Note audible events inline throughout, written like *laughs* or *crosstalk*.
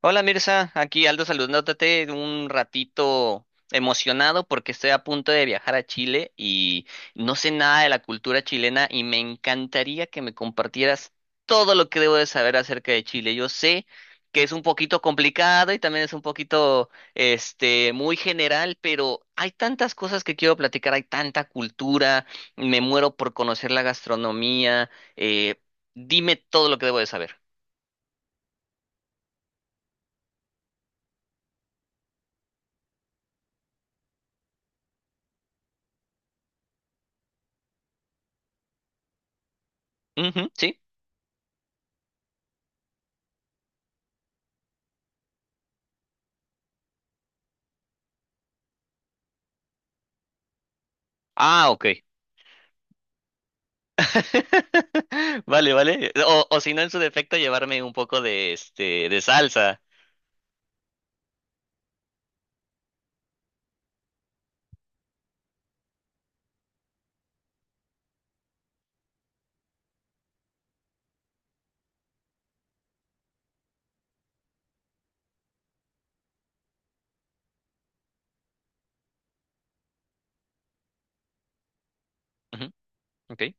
Hola Mirza, aquí Aldo saludándote un ratito emocionado porque estoy a punto de viajar a Chile y no sé nada de la cultura chilena y me encantaría que me compartieras todo lo que debo de saber acerca de Chile. Yo sé que es un poquito complicado y también es un poquito muy general, pero hay tantas cosas que quiero platicar, hay tanta cultura, me muero por conocer la gastronomía, eh, dime todo lo que debo de saber. Ujú, ¿sí? Ah, ok. *laughs* Vale, vale. O si no, en su defecto, llevarme un poco de de salsa. Ujú, ok.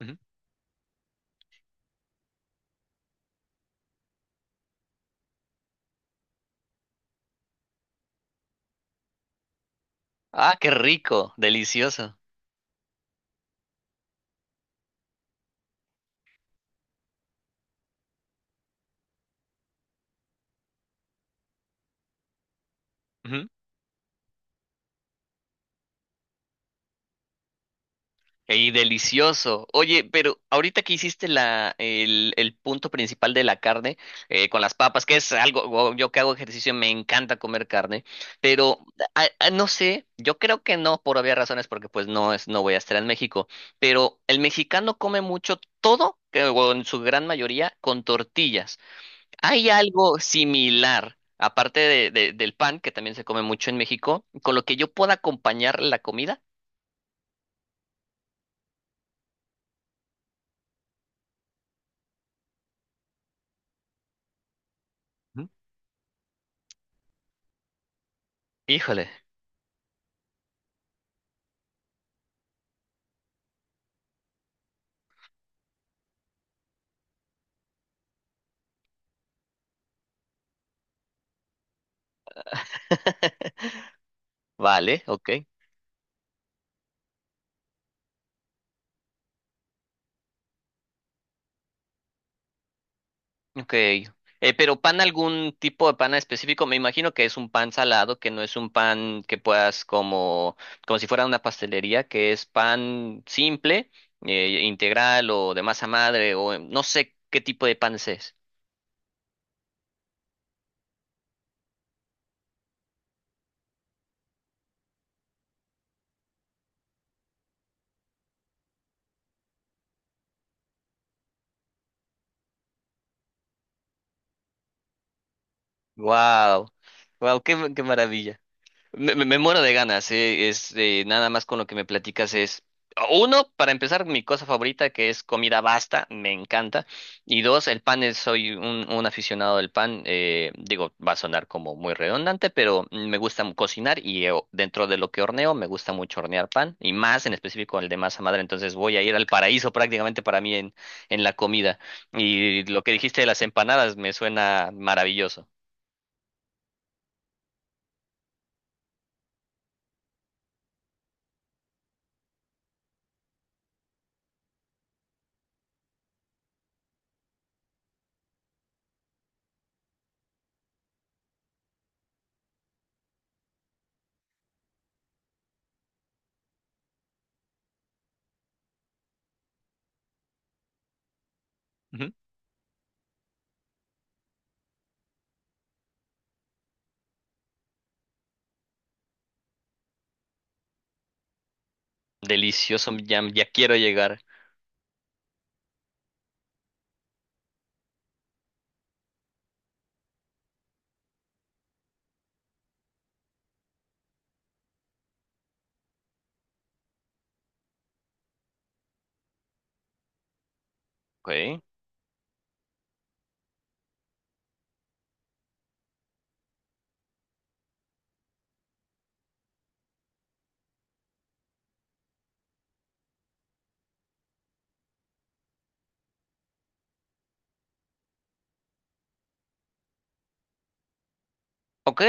Ujú. Ah, qué rico, delicioso. Y delicioso. Oye, pero ahorita que hiciste el punto principal de la carne con las papas, que es algo, wow, yo que hago ejercicio me encanta comer carne, pero no sé, yo creo que no por obvias razones, porque pues no voy a estar en México, pero el mexicano come mucho todo, o en su gran mayoría, con tortillas. Hay algo similar. Aparte del pan, que también se come mucho en México, con lo que yo pueda acompañar la comida. Ujú. Híjole. *laughs* Vale, ok, ok. Pero pan, algún tipo de pan específico, me imagino que es un pan salado, que no es un pan que puedas como, como si fuera una pastelería, que es pan simple, integral o de masa madre, o no sé qué tipo de pan es. Wow, wow, qué, qué maravilla. Me muero de ganas. Es Nada más con lo que me platicas es uno, para empezar, mi cosa favorita, que es comida basta, me encanta. Y dos, el pan. Es, soy un aficionado del pan. Digo, va a sonar como muy redundante, pero me gusta cocinar y dentro de lo que horneo, me gusta mucho hornear pan y más en específico el de masa madre. Entonces voy a ir al paraíso prácticamente para mí en la comida. Y lo que dijiste de las empanadas me suena maravilloso. Ujú. Delicioso, ya, ya quiero llegar. Ok. Ok,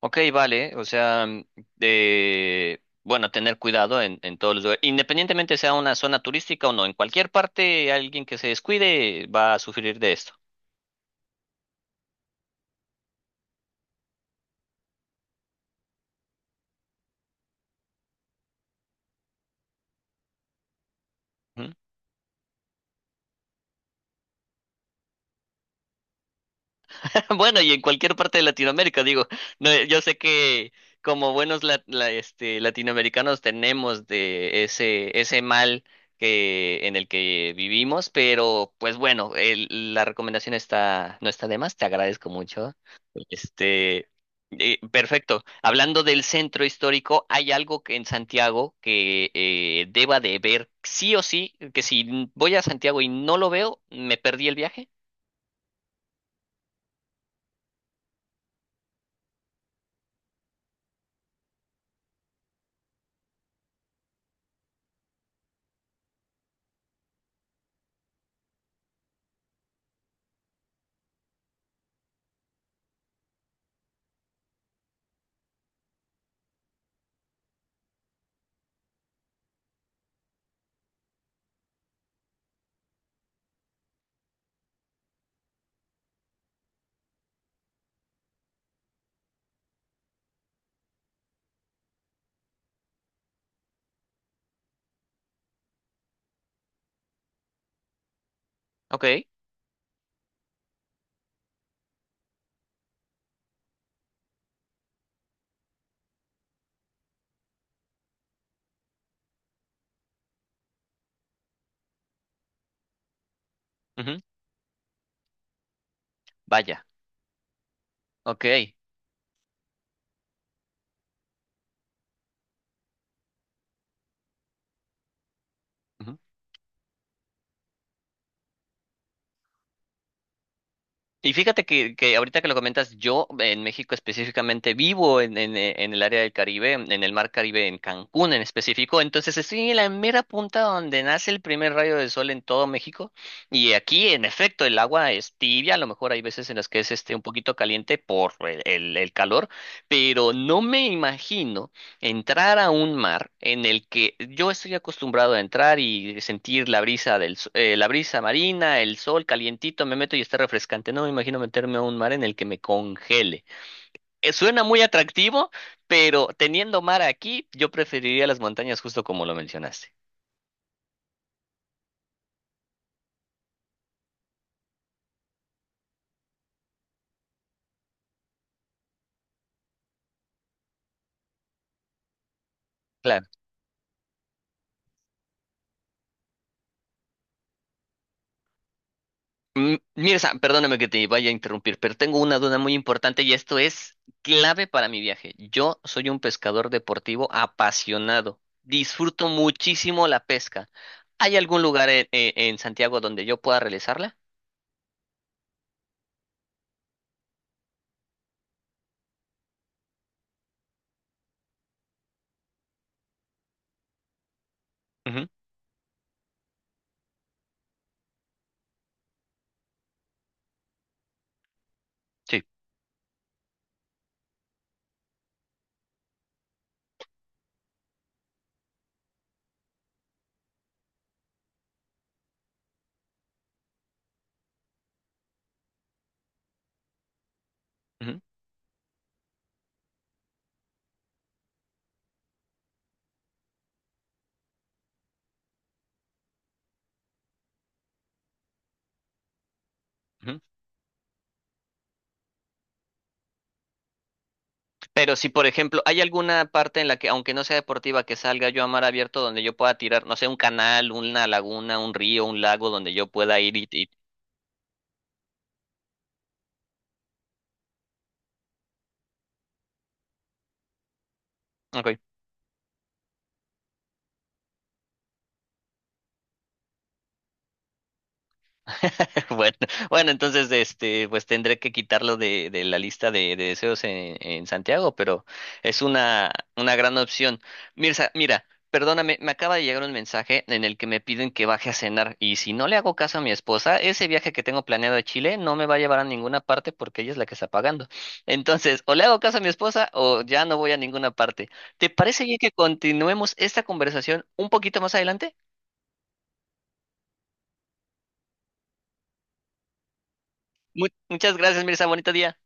ok, vale. O sea, de, bueno, tener cuidado en todos los lugares. Independientemente sea una zona turística o no, en cualquier parte alguien que se descuide va a sufrir de esto. ¿Mm? *laughs* Bueno, y en cualquier parte de Latinoamérica, digo, no, yo sé que como buenos latinoamericanos tenemos de ese, ese mal en el que vivimos, pero pues bueno, la recomendación está, no está de más. Te agradezco mucho. Este, Perfecto. Hablando del centro histórico, ¿hay algo que en Santiago que deba de ver sí o sí? Que si voy a Santiago y no lo veo, me perdí el viaje. Ok. Ujú. Vaya. Ok. Ujú. Y fíjate que ahorita que lo comentas, yo en México específicamente vivo en el área del Caribe, en el mar Caribe, en Cancún en específico. Entonces estoy en la mera punta donde nace el primer rayo de sol en todo México. Y aquí, en efecto, el agua es tibia. A lo mejor hay veces en las que es un poquito caliente por el calor, pero no me imagino. Entrar a un mar en el que yo estoy acostumbrado a entrar y sentir la brisa del, s- la brisa marina, el sol calientito, me meto y está refrescante. No me imagino meterme a un mar en el que me congele. Suena muy atractivo, pero teniendo mar aquí, yo preferiría las montañas justo como lo mencionaste. Claro. Mm, Mirza, perdóname que te vaya a interrumpir, pero tengo una duda muy importante y esto es clave para mi viaje. Yo soy un pescador deportivo apasionado. Disfruto muchísimo la pesca. ¿Hay algún lugar en Santiago donde yo pueda realizarla? Ujú, sí. Ujú, ujú. Pero si, por ejemplo, hay alguna parte en la que, aunque no sea deportiva, que salga yo a mar abierto donde yo pueda tirar, no sé, un canal, una laguna, un río, un lago donde yo pueda ir Ok. *laughs* Bueno, bueno, entonces pues tendré que quitarlo de la lista de deseos en Santiago, pero es una gran opción. Mirza, mira, perdóname, me acaba de llegar un mensaje en el que me piden que baje a cenar y si no le hago caso a mi esposa, ese viaje que tengo planeado a Chile no me va a llevar a ninguna parte porque ella es la que está pagando. Entonces, o le hago caso a mi esposa o ya no voy a ninguna parte. ¿Te parece bien que continuemos esta conversación un poquito más adelante? Muchas gracias, Mirza, bonito día.